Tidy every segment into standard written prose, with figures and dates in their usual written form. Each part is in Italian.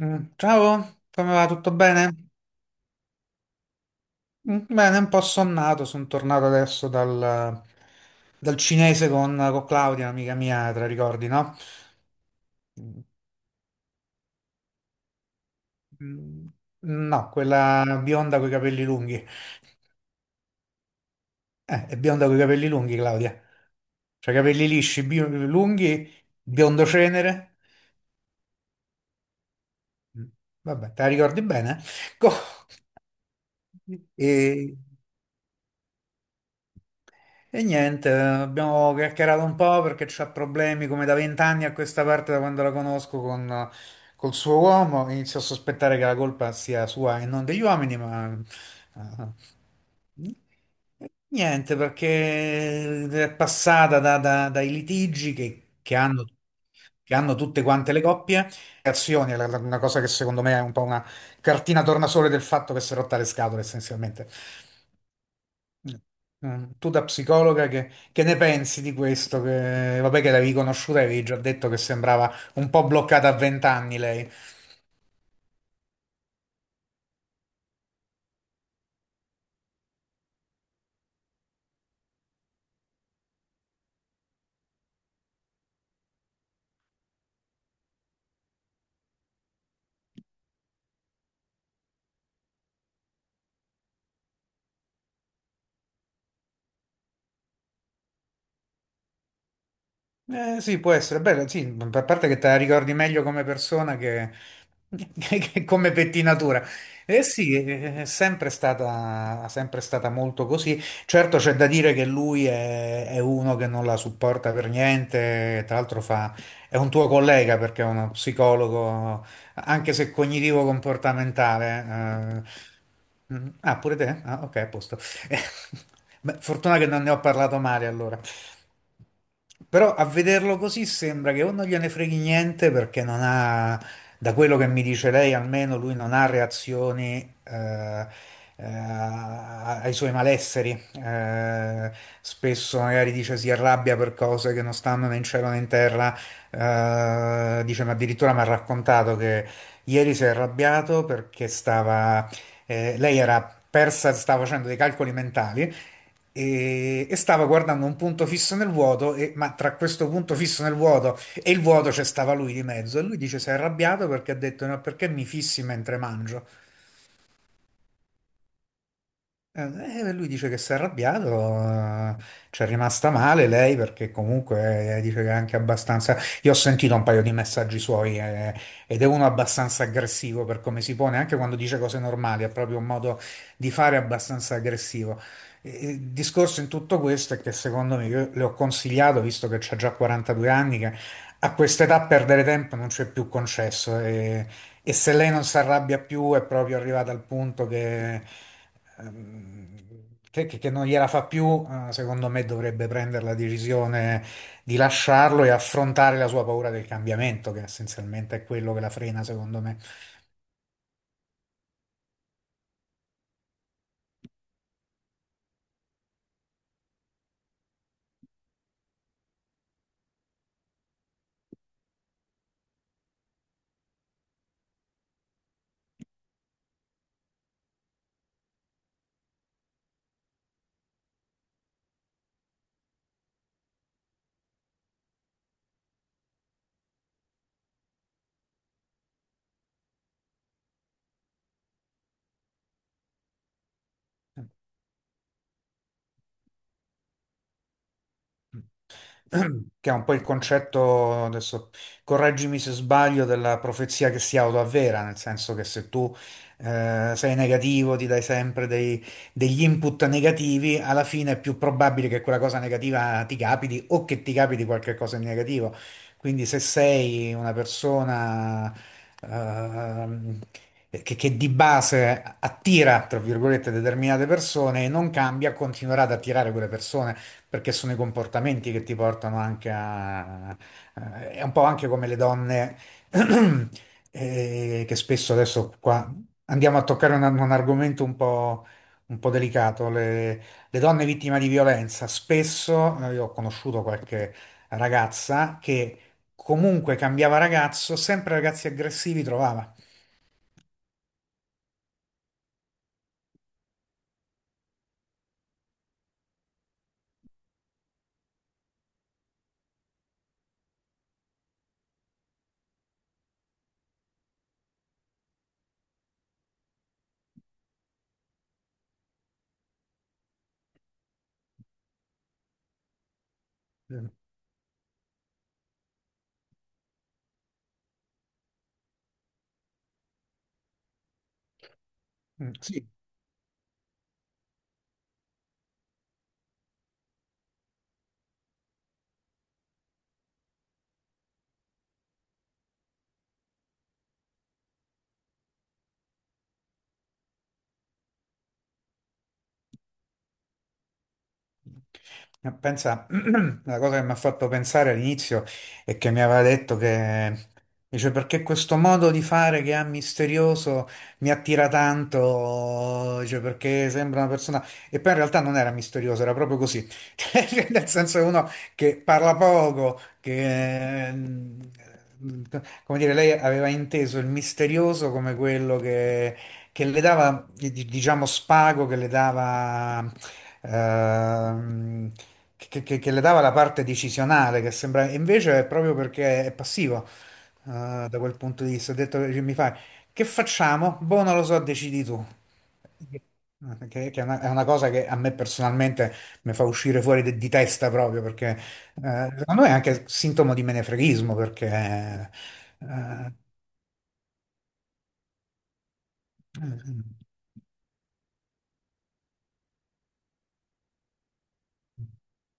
Mm, ciao, come va? Tutto bene? Mm, bene, un po' sonnato, sono tornato adesso dal cinese con Claudia, amica mia, te la ricordi, no? Mm, mm, no, quella bionda coi capelli lunghi. È bionda coi capelli lunghi, Claudia. Cioè, capelli lisci, lunghi, biondo cenere. Mm, vabbè, te la ricordi bene? Co- e- E niente, abbiamo chiacchierato un po' perché c'ha problemi come da 20 anni a questa parte, da quando la conosco col suo uomo. Inizio a sospettare che la colpa sia sua e non degli uomini, ma eh, niente, perché è passata dai litigi che hanno tutte quante le coppie, azioni, è una cosa che secondo me è un po' una cartina tornasole del fatto che si è rotta le scatole essenzialmente. Eh, Tu da psicologa che ne pensi di questo? Che, vabbè che l'avevi conosciuta e avevi già detto che sembrava un po' bloccata a 20 anni lei. Sì, può essere bello, sì, a parte che te la ricordi meglio come persona che, che come pettinatura. Eh sì, è sempre stata molto così. Certo c'è da dire che lui è uno che non la supporta per niente, tra l'altro è un tuo collega perché è uno psicologo, anche se cognitivo-comportamentale. Mm, ah, pure te? Ah, ok, a posto. Beh, fortuna che non ne ho parlato male allora. Però a vederlo così sembra che o non gliene freghi niente perché non ha, da quello che mi dice lei, almeno lui non ha reazioni ai suoi malesseri. Spesso magari dice si arrabbia per cose che non stanno né in cielo né in terra. Dice, ma addirittura mi ha raccontato che ieri si è arrabbiato perché stava lei era persa, stava facendo dei calcoli mentali e stava guardando un punto fisso nel vuoto, ma tra questo punto fisso nel vuoto e il vuoto c'è stava lui di mezzo e lui dice si è arrabbiato perché ha detto no, perché mi fissi mentre mangio? Lui dice che si è arrabbiato, eh, ci è rimasta male lei perché comunque dice che è anche abbastanza... Io ho sentito un paio di messaggi suoi ed è uno abbastanza aggressivo per come si pone, anche quando dice cose normali, ha proprio un modo di fare abbastanza aggressivo. Il discorso in tutto questo è che secondo me, io le ho consigliato, visto che c'ha già 42 anni, che a quest'età perdere tempo non c'è più concesso. E se lei non si arrabbia più è proprio arrivata al punto che, ehm, che non gliela fa più, secondo me dovrebbe prendere la decisione di lasciarlo e affrontare la sua paura del cambiamento, che essenzialmente è quello che la frena, secondo me. Che è un po' il concetto, adesso correggimi se sbaglio, della profezia che si autoavvera, nel senso che se tu sei negativo, ti dai sempre degli input negativi, alla fine è più probabile che quella cosa negativa ti capiti o che ti capiti qualche cosa di negativo. Quindi se sei una persona ehm, che di base attira, tra virgolette, determinate persone e non cambia, continuerà ad attirare quelle persone perché sono i comportamenti che ti portano anche a... È un po' anche come le donne che spesso adesso qua andiamo a toccare un argomento un po' delicato, le donne vittime di violenza. Spesso io ho conosciuto qualche ragazza che comunque cambiava ragazzo, sempre ragazzi aggressivi trovava. Mm, mm, sì. Pensa, la cosa che mi ha fatto pensare all'inizio è che mi aveva detto che dice perché questo modo di fare che ha misterioso mi attira tanto, dice perché sembra una persona e poi in realtà non era misterioso, era proprio così. Cioè, nel senso è uno che parla poco, che come dire, lei aveva inteso il misterioso come quello che le dava, diciamo, spago, che le dava, ehm, che le dava la parte decisionale, che sembra, e invece è proprio perché è passivo, da quel punto di vista. Ho detto, che mi fai, che facciamo? Boh, non lo so, decidi tu. Che è una cosa che a me personalmente mi fa uscire fuori di testa proprio perché secondo me è anche sintomo di menefreghismo perché eh,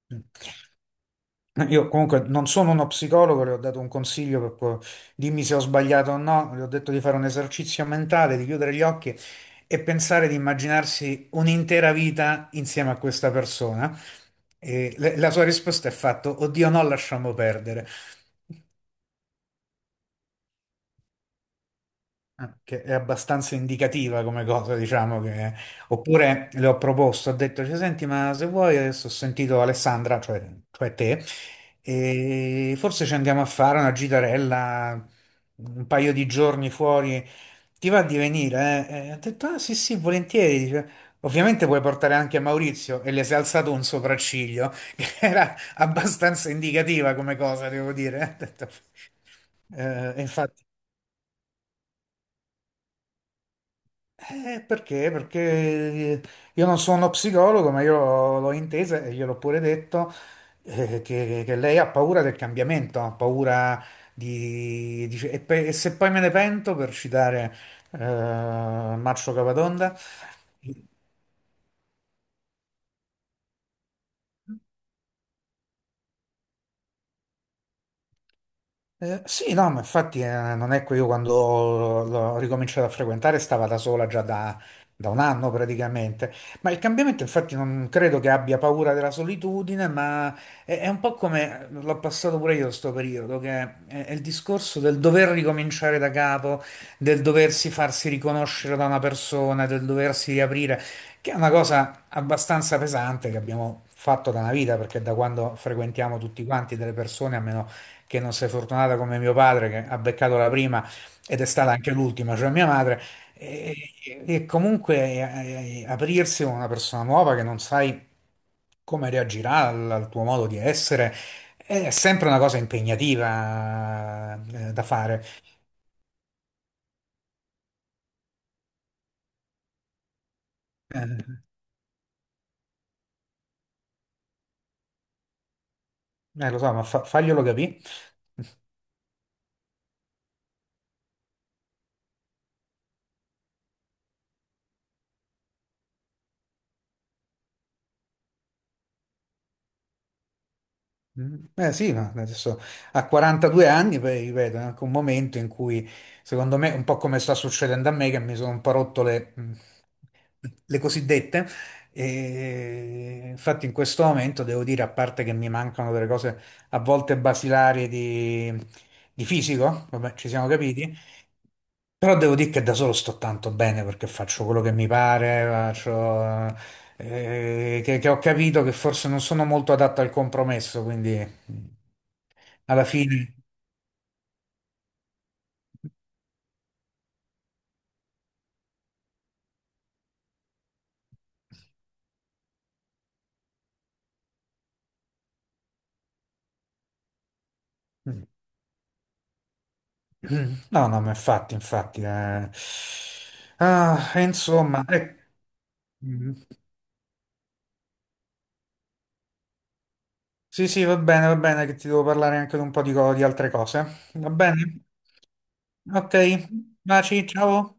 eh, io comunque non sono uno psicologo, le ho dato un consiglio per dimmi se ho sbagliato o no, le ho detto di fare un esercizio mentale, di chiudere gli occhi e pensare di immaginarsi un'intera vita insieme a questa persona. E la sua risposta è fatto, oddio no, lasciamo perdere. Ah, che è abbastanza indicativa come cosa, diciamo che... Oppure le ho proposto, ho detto, cioè, senti, ma se vuoi, adesso ho sentito Alessandra, cioè te, e forse ci andiamo a fare una gitarella, un paio di giorni fuori, ti va di venire? Eh?" E ho detto, ah sì sì, volentieri, dice. Ovviamente puoi portare anche Maurizio e le si è alzato un sopracciglio, che era abbastanza indicativa come cosa, devo dire. Ho detto, e infatti. Perché? Perché io non sono psicologo, ma io l'ho intesa e gliel'ho pure detto che lei ha paura del cambiamento, ha paura di... dice, e, e se poi me ne pento, per citare eh, Marcio Capatonda. Sì, no, ma infatti non è che io quando l'ho ricominciato a frequentare stava da sola già da un anno praticamente, ma il cambiamento infatti non credo che abbia paura della solitudine, ma è un po' come l'ho passato pure io sto periodo, che è il discorso del dover ricominciare da capo, del doversi farsi riconoscere da una persona, del doversi riaprire, che è una cosa abbastanza pesante che abbiamo fatto da una vita, perché da quando frequentiamo tutti quanti delle persone, a meno che non sei fortunata come mio padre che ha beccato la prima ed è stata anche l'ultima, cioè mia madre, e comunque aprirsi con una persona nuova che non sai come reagirà al tuo modo di essere è sempre una cosa impegnativa da fare. Eh, Lo so, ma faglielo capire. Mm, eh sì, ma adesso a 42 anni, poi ripeto, è anche un momento in cui, secondo me, un po' come sta succedendo a me, che mi sono un po' rotto le cosiddette. E infatti in questo momento devo dire, a parte che mi mancano delle cose a volte basilari di fisico, vabbè, ci siamo capiti, però devo dire che da solo sto tanto bene perché faccio quello che mi pare, faccio, che ho capito che forse non sono molto adatto al compromesso, quindi mm, alla fine... No, no, ma infatti, infatti... Ah, e insomma... eh, sì, sì, va bene, che ti devo parlare anche di un po' di altre cose. Va bene? Ok, baci, ciao.